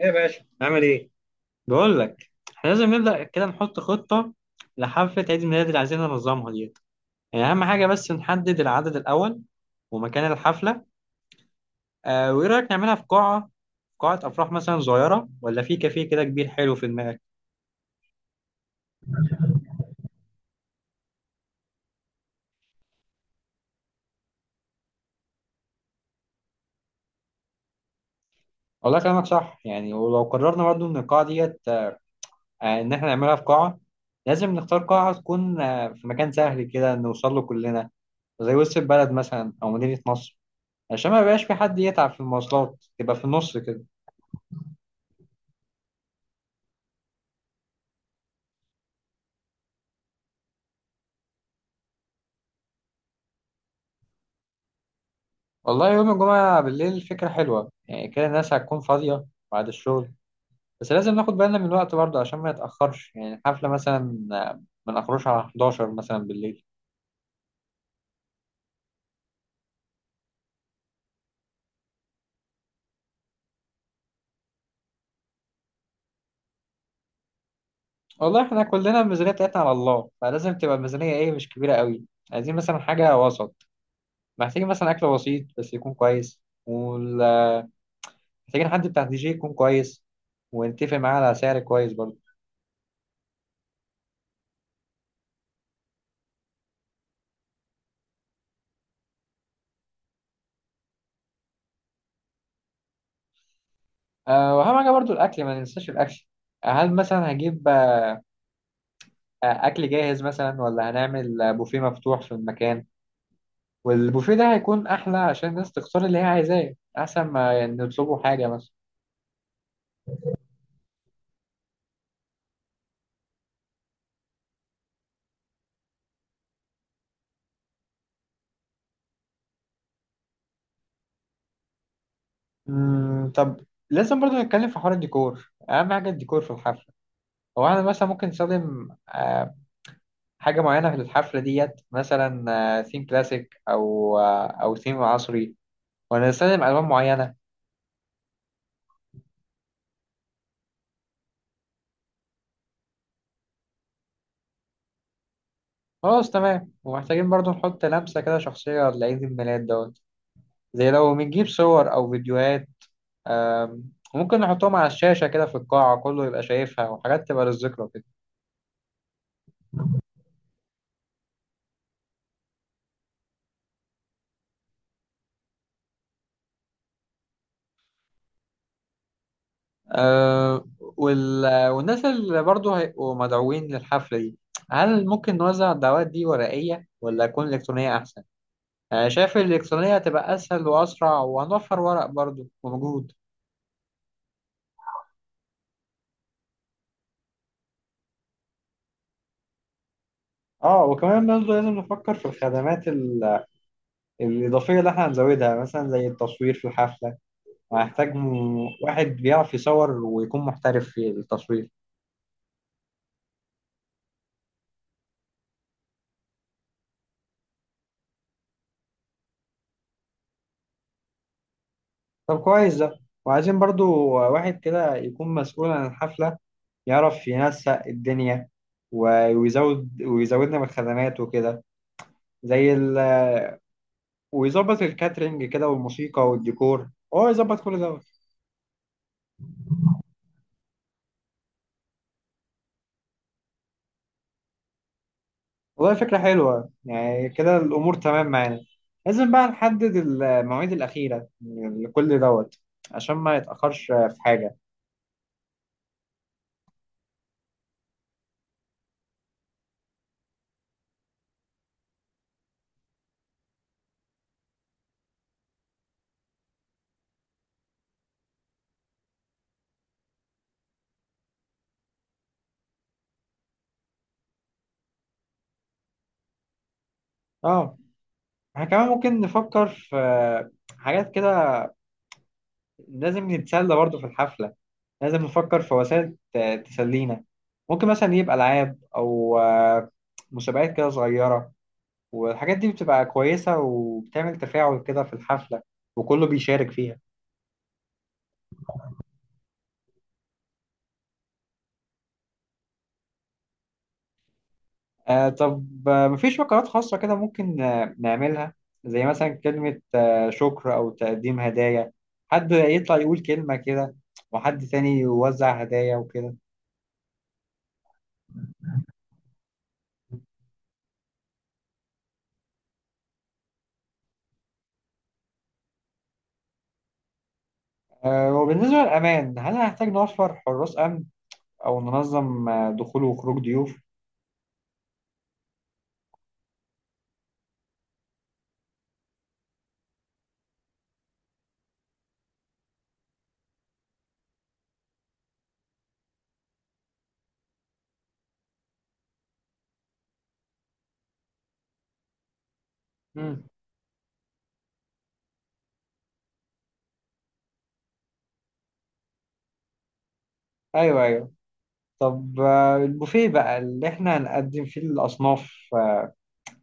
ايه يا باشا نعمل ايه؟ بقول لك احنا لازم نبدأ كده نحط خطة لحفلة عيد الميلاد اللي عايزين ننظمها ديت. يعني أهم حاجة بس نحدد العدد الأول ومكان الحفلة. وإيه رأيك نعملها في قاعة أفراح مثلا صغيرة ولا في كافيه كده كبير حلو في دماغك؟ والله كلامك صح يعني. ولو قررنا برضه إن القاعة ديت، إن احنا نعملها في قاعة، لازم نختار قاعة تكون في مكان سهل كده نوصل له كلنا، زي وسط البلد مثلا أو مدينة نصر، عشان ما يبقاش في حد يتعب في المواصلات، تبقى في النص كده. والله يوم الجمعة بالليل فكرة حلوة، يعني كده الناس هتكون فاضية بعد الشغل. بس لازم ناخد بالنا من الوقت برضه عشان ما نتأخرش، يعني الحفلة مثلا ما نخرجش على 11 مثلا بالليل. والله احنا كلنا الميزانية بتاعتنا على الله، فلازم تبقى الميزانية ايه، مش كبيرة قوي. عايزين مثلا حاجة وسط. محتاجين مثلا أكل بسيط بس يكون كويس، ومحتاجين حد بتاع دي جي يكون كويس ونتفق معاه على سعر كويس برضه. أه، وأهم حاجة برضه الأكل، ما ننساش الأكل. هل مثلا هجيب اكل جاهز مثلا، ولا هنعمل بوفيه مفتوح في المكان؟ والبوفيه ده هيكون احلى، عشان الناس تختار اللي هي عايزاه، احسن ما نطلبوا حاجه مثلا. طب، لازم برضو نتكلم في حوار الديكور، اهم حاجه الديكور في الحفله. هو انا مثلا ممكن نستخدم حاجه معينه في الحفله ديت، مثلا ثيم كلاسيك او ثيم عصري، ولا نستخدم الوان معينه. خلاص، تمام. ومحتاجين برضو نحط لمسه كده شخصيه لعيد الميلاد دوت، زي لو بنجيب صور او فيديوهات، ممكن نحطهم على الشاشة كده في القاعة، كله يبقى شايفها، وحاجات تبقى للذكرى كده. والناس اللي برضه هيبقوا مدعوين للحفلة دي، هل ممكن نوزع الدعوات دي ورقية ولا تكون إلكترونية أحسن؟ أنا شايف الإلكترونية هتبقى أسهل وأسرع، وهنوفر ورق برضه ومجهود. اه وكمان برضه لازم نفكر في الخدمات الإضافية اللي احنا هنزودها، مثلا زي التصوير في الحفلة. وهنحتاج واحد بيعرف يصور ويكون محترف في التصوير. طب كويس ده. وعايزين برضو واحد كده يكون مسؤول عن الحفلة، يعرف ينسق الدنيا، ويزودنا من الخدمات وكده، زي ال... ويظبط الكاترينج كده والموسيقى والديكور، هو يظبط كل ده. والله فكرة حلوة، يعني كده الأمور تمام معانا. لازم بقى نحدد المواعيد الأخيرة لكل دوت عشان ما يتأخرش في حاجة. اه، احنا كمان ممكن نفكر في حاجات كده، لازم نتسلى برضو في الحفلة، لازم نفكر في وسائل تسلينا. ممكن مثلا يبقى ألعاب أو مسابقات كده صغيرة. والحاجات دي بتبقى كويسة وبتعمل تفاعل كده في الحفلة وكله بيشارك فيها. طب، مفيش فقرات خاصة كده ممكن نعملها، زي مثلا كلمة شكر أو تقديم هدايا، حد يطلع يقول كلمة كده، وحد تاني يوزع هدايا وكده. آه، وبالنسبة للأمان، هل هنحتاج نوفر حراس أمن أو ننظم دخول وخروج ضيوف؟ مم. ايوه، ايوه. طب البوفيه بقى اللي احنا هنقدم فيه الاصناف،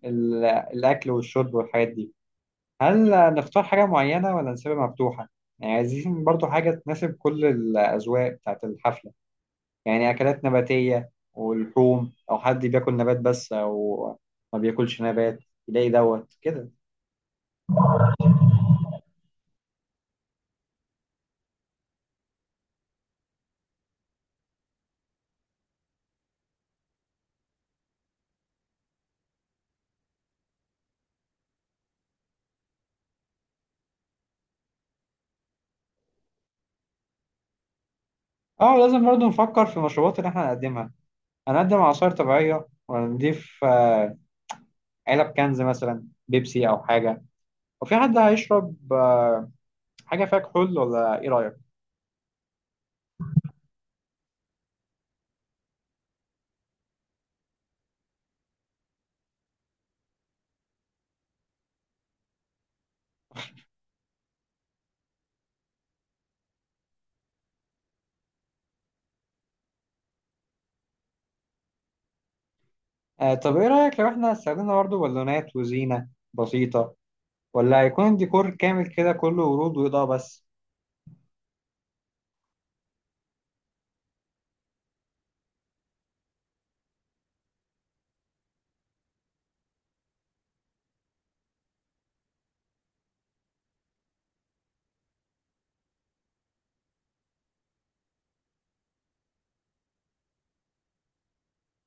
الاكل والشرب والحاجات دي، هل نختار حاجه معينه ولا نسيبها مفتوحه؟ يعني عايزين برضو حاجه تناسب كل الاذواق بتاعت الحفله، يعني اكلات نباتيه ولحوم، او حد بياكل نبات بس او ما بياكلش نبات، يلاقي دوت كده. اه، لازم برضو نفكر في المشروبات اللي احنا هنقدمها. هنقدم عصائر طبيعيه ولا نضيف علب كنز مثلا بيبسي او حاجه؟ وفي حد هيشرب حاجة فيها كحول ولا إيه رأيك؟ طب إيه رأيك لو إحنا استخدمنا برضه بالونات وزينة بسيطة، ولا هيكون الديكور كامل كده كله ورود وإضاءة بس؟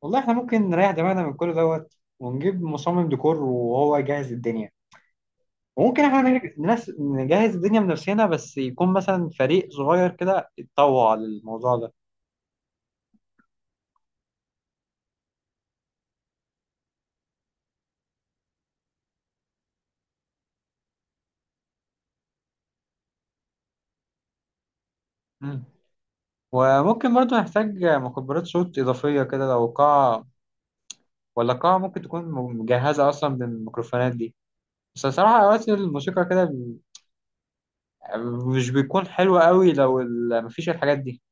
والله إحنا ممكن نريح دماغنا من كل دوت ونجيب مصمم ديكور وهو يجهز الدنيا، وممكن إحنا نجهز الدنيا بنفسنا، بس يكون مثلا فريق صغير كده يتطوع للموضوع ده. مم. وممكن برضه نحتاج مكبرات صوت إضافية كده لو قاعة، ولا قاعة ممكن تكون مجهزة أصلا بالميكروفونات دي؟ بس الصراحة أوقات الموسيقى كده مش بيكون حلوة قوي لو مفيش الحاجات دي.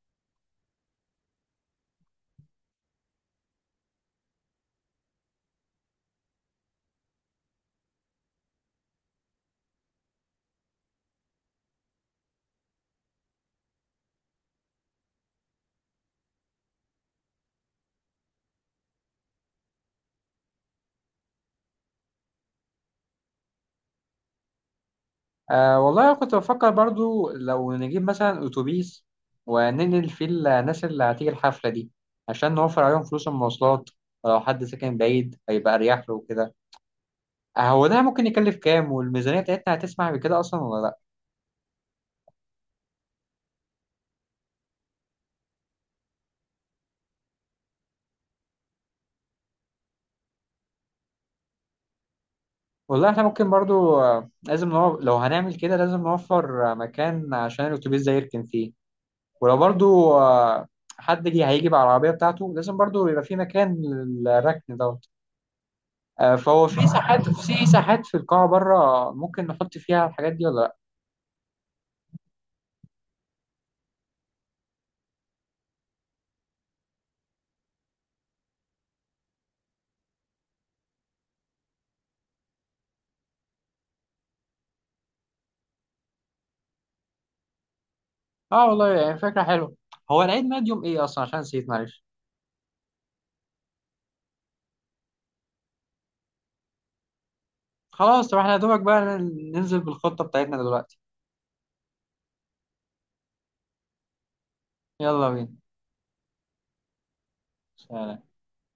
أه والله أنا كنت بفكر برضو لو نجيب مثلا أتوبيس وننقل فيه الناس اللي هتيجي الحفلة دي، عشان نوفر عليهم فلوس المواصلات، ولو حد ساكن بعيد هيبقى أريح له وكده. هو ده ممكن يكلف كام، والميزانية بتاعتنا هتسمح بكده أصلا ولا لأ؟ والله احنا ممكن برضو، لو هنعمل كده لازم نوفر مكان عشان الأتوبيس ده يركن فيه، ولو برضو حد جه هيجي بالعربية بتاعته لازم برضو يبقى في مكان للركن دوت. فهو في ساحات في ساحات في القاعة بره ممكن نحط فيها الحاجات دي ولا لا؟ اه والله، يعني فكرة حلوة. هو العيد ميلاد يوم ايه اصلا، عشان نسيت، معلش. خلاص، طب احنا يا دوبك بقى ننزل بالخطة بتاعتنا دلوقتي. يلا بينا. سلام.